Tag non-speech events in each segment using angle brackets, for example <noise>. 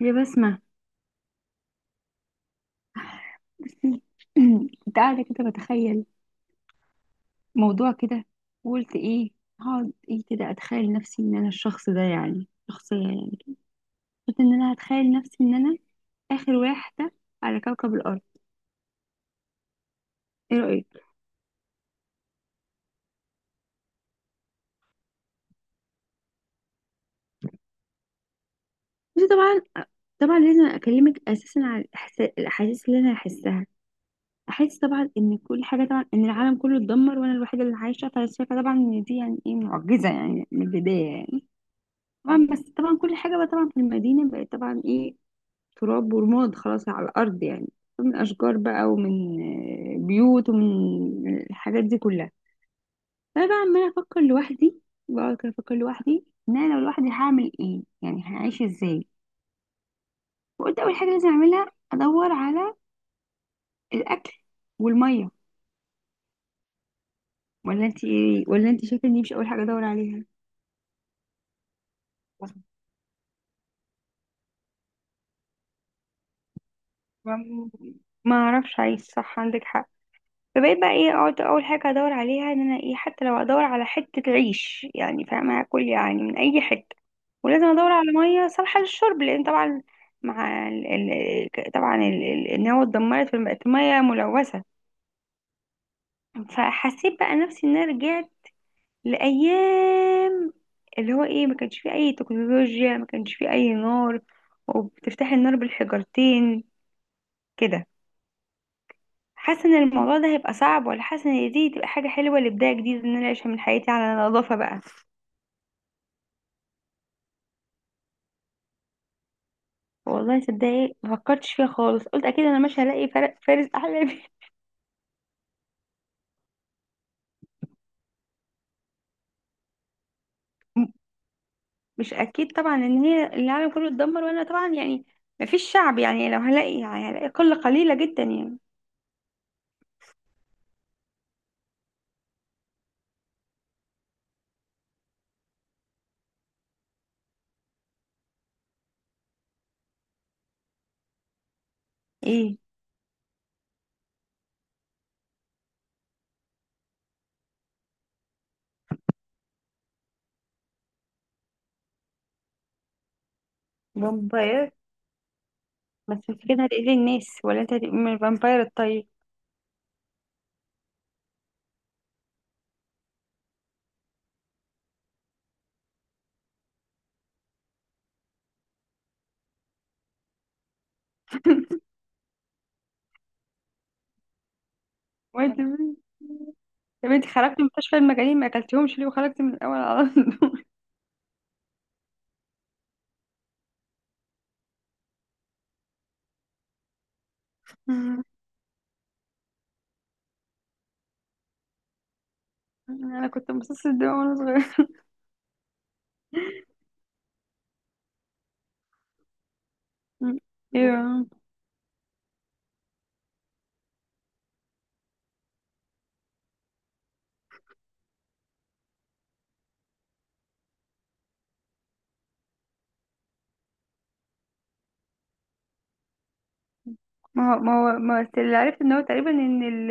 يا بسمة، بصي <clears throat> كنت قاعدة كده بتخيل موضوع كده. وقلت ايه، هقعد ايه كده، اتخيل نفسي ان انا الشخص ده يعني شخصية يعني. قلت ان انا هتخيل نفسي ان انا اخر واحدة على كوكب الارض. ايه رأيك؟ بصي، طبعا لازم اكلمك اساسا على الاحاسيس اللي انا هحسها. احس طبعا ان كل حاجة، طبعا ان العالم كله اتدمر وانا الوحيدة اللي عايشة، فشايفة طبعا ان دي يعني ايه معجزة يعني من البداية يعني. طبعا بس طبعا كل حاجة بقى طبعا في المدينة بقت طبعا ايه، تراب ورماد خلاص على الأرض يعني. من أشجار بقى، ومن بيوت، ومن الحاجات دي كلها. فأنا بقى عمالة أفكر لوحدي. بقعد كده أفكر لوحدي إن أنا لو لوحدي هعمل إيه، يعني هعيش إزاي. فقلت أول حاجة لازم أعملها أدور على الأكل والمية. ولا أنت إيه، ولا أنت شايفة إني مش أول حاجة أدور عليها؟ ما ما اعرفش، عايز صح، عندك حق. فبقيت بقى ايه اقعد اول حاجه ادور عليها ان انا ايه، حتى لو ادور على حته عيش يعني، فاهمه، هاكل يعني من اي حته. ولازم ادور على ميه صالحه للشرب، لان طبعا مع طبعا النوى اتدمرت، فبقت ميه ملوثه. فحسيت بقى نفسي ان انا رجعت لايام اللي هو ايه، ما كانش فيه اي تكنولوجيا، ما كانش فيه اي نار، وبتفتحي النار بالحجرتين كده. حاسه ان الموضوع ده هيبقى صعب، ولا حاسه ان دي تبقى حاجه حلوه لبدايه جديده، ان انا اعيش من حياتي على نظافه بقى؟ والله صدقني ما فكرتش فيها خالص، قلت اكيد انا مش هلاقي فارس احلى. <laughs> مش اكيد طبعا ان هي العالم كله اتدمر، وانا طبعا يعني ما فيش شعب يعني، لو هلاقي يعني هلاقي قله قليله جدا يعني. ايه، فامباير؟ بس انت كده هتقتلي الناس، ولا انت هتبقي من الفامباير الطيب؟ وانت مين؟ طب انت خرجتي من مستشفى المجانين، ما اكلتيهمش ليه، وخرجتي من الاول على طول؟ <laughs> انا كنت امتصاص الدماء وانا صغيره. مم. ايوه. ما هو اللي عرفت ان هو تقريبا ان ال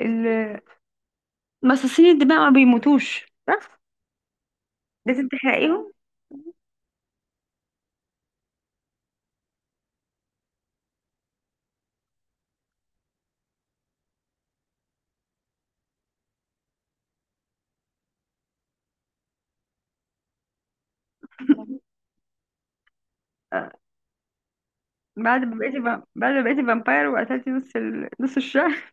ال مصاصين الدماء ما بيموتوش، صح؟ لازم تحرقيهم. <laughs> آه، بعد ما بقيتي فامباير وقتلتي نص الشهر.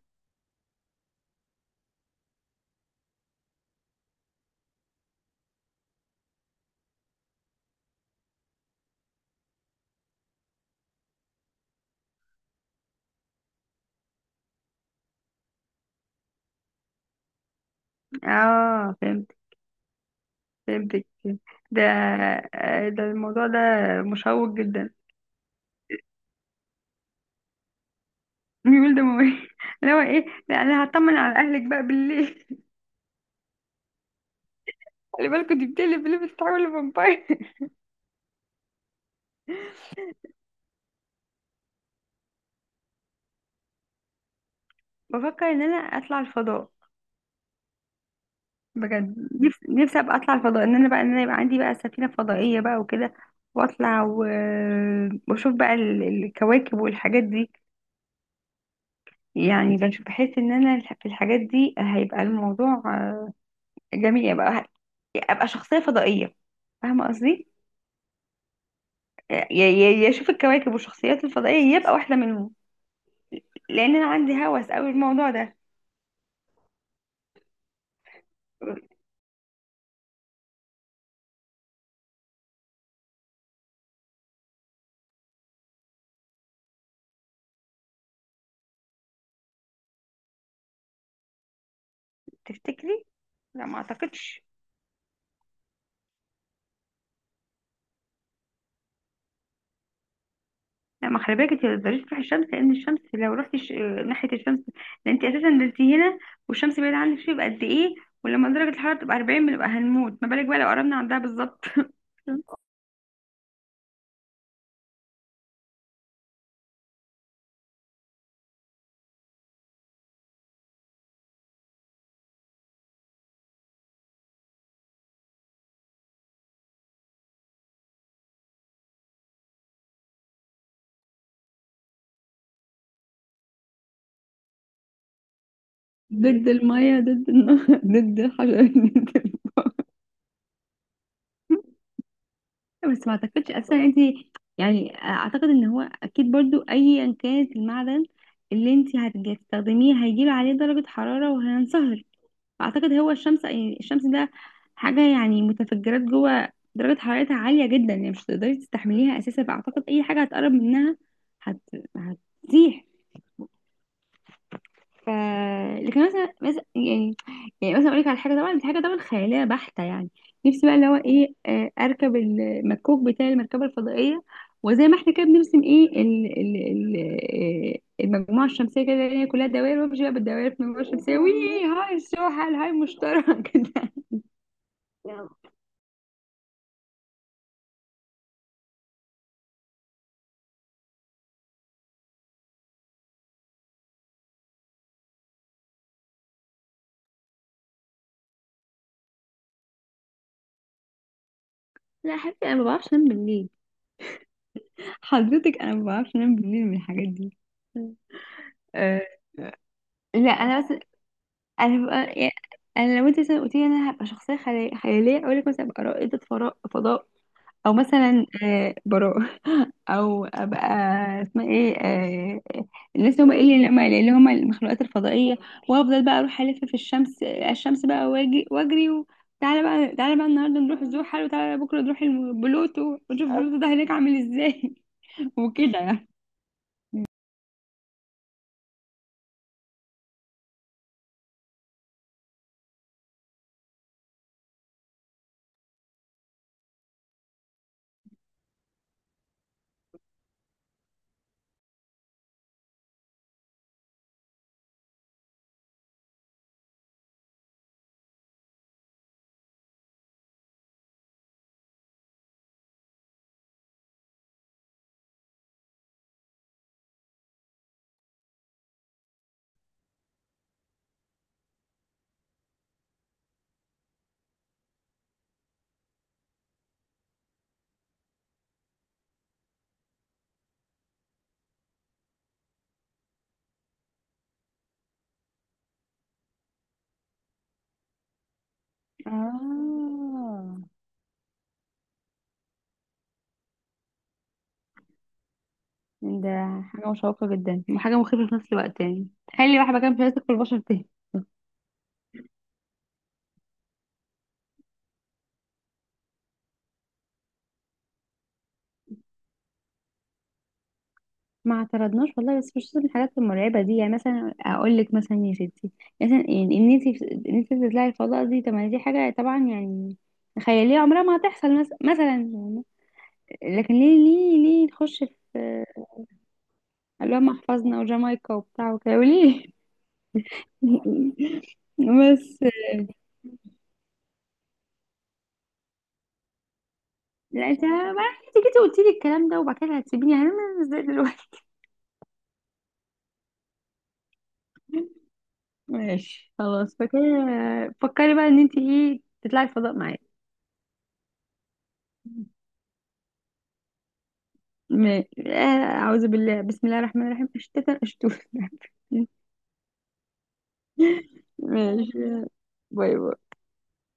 <laughs> اه، فهمت، فهمتك. ده آه، ده الموضوع ده مشوق جدا. ميول دموي. <laughs> اللي هو ايه، لا انا هطمن على اهلك بقى بالليل. <laughs> خلي بالكوا دي بتقلب اللي بتتحول لفامباير. <laughs> بفكر ان انا اطلع الفضاء، بجد. نفسي ابقى اطلع الفضاء، ان انا بقى ان انا يبقى عندي بقى سفينه فضائيه بقى وكده، واطلع و... واشوف بقى الكواكب والحاجات دي. يعني بشوف، بحس ان انا في الحاجات دي هيبقى الموضوع آه، جميل. يبقى ابقى شخصيه فضائيه، فاهمه قصدي؟ يا اشوف الكواكب والشخصيات الفضائيه، يبقى واحده منهم. لان انا عندي هوس قوي الموضوع ده. تفتكري؟ لا، ما اعتقدش. لا، ما خلي بالك، انت ما تقدريش تروحي الشمس، لان الشمس لو رحتي ناحيه الشمس، لان انت اساسا نزلتي هنا والشمس بعيده عنك شويه، يبقى قد ايه. ولما درجه الحراره تبقى 40 بنبقى هنموت، ما بالك بقى لو قربنا عندها بالظبط. <laughs> ضد المية، ضد النهر، <laughs> ضد الحجر، بس ما اعتقدش اصلا انت. يعني اعتقد ان هو اكيد برضو ايا كانت المعدن اللي انت هتستخدميه هيجيب عليه درجة حرارة وهينصهر. اعتقد هو الشمس، يعني الشمس ده حاجه يعني متفجرات جوه، درجه حرارتها عاليه جدا، يعني مش هتقدري تستحمليها اساسا. فاعتقد اي حاجه هتقرب منها هت... هتزيح. ف لكن مثلا يعني، يعني مثلا اقول لك على حاجه، طبعا دي حاجه طبعا خياليه بحته يعني. نفسي بقى اللي هو ايه آه، اركب المكوك بتاع المركبه الفضائيه، وزي ما احنا كده بنرسم ايه ال آه، المجموعه الشمسيه كده، اللي هي كلها دوائر، وامشي بقى بالدوائر في المجموعه الشمسيه، وي هاي السوحل هاي المشترك <laughs> كده. لا يا حبيبتي انا ما بعرفش انام بالليل. حضرتك انا ما بعرفش انام بالليل من الحاجات دي. أه. لا انا بس، انا ببقى يعني، انا لو انت مثلا قلت لي انا هبقى شخصيه خياليه، اقول لك مثلا ابقى رائده فراء فضاء، او مثلا أه براء، او ابقى اسمها ايه أه، الناس اللي هم ايه، اللي هم المخلوقات الفضائيه. وافضل بقى اروح الف في الشمس، آه، الشمس بقى، واجي واجري و... تعالى بقى، تعالى بقى النهارده نروح زحل، وتعالى بكره نروح بلوتو، ونشوف بلوتو ده هناك عامل ازاي. <laughs> وكده يعني. اه، ده حاجة مشوقة جدا وحاجة مخيفة في نفس الوقت، يعني تخيلي بقى مكان مش عايز تاكل البشر تاني. ما اعترضناش والله، بس مش من الحاجات المرعبة دي. يعني مثلا اقول لك مثلا يا ستي، مثلا يعني ان انت، ان انت تطلعي الفضاء دي، طب ما دي حاجة طبعا يعني خيالية عمرها ما هتحصل، مثلا مثلا يعني. لكن ليه نخش في اللي هم حفظنا وجامايكا وبتاع وكده وليه؟ <laughs> بس لا، انت بقى انت جيتي قلتي لي الكلام ده، وبعد كده هتسيبيني، هنعمل ازاي دلوقتي؟ ماشي، خلاص. فكري بقى ان انت ايه تطلعي الفضاء معايا. ماشي آه، اعوذ بالله بسم الله الرحمن الرحيم، اشتتا اشتوف. <laughs> ماشي، باي باي.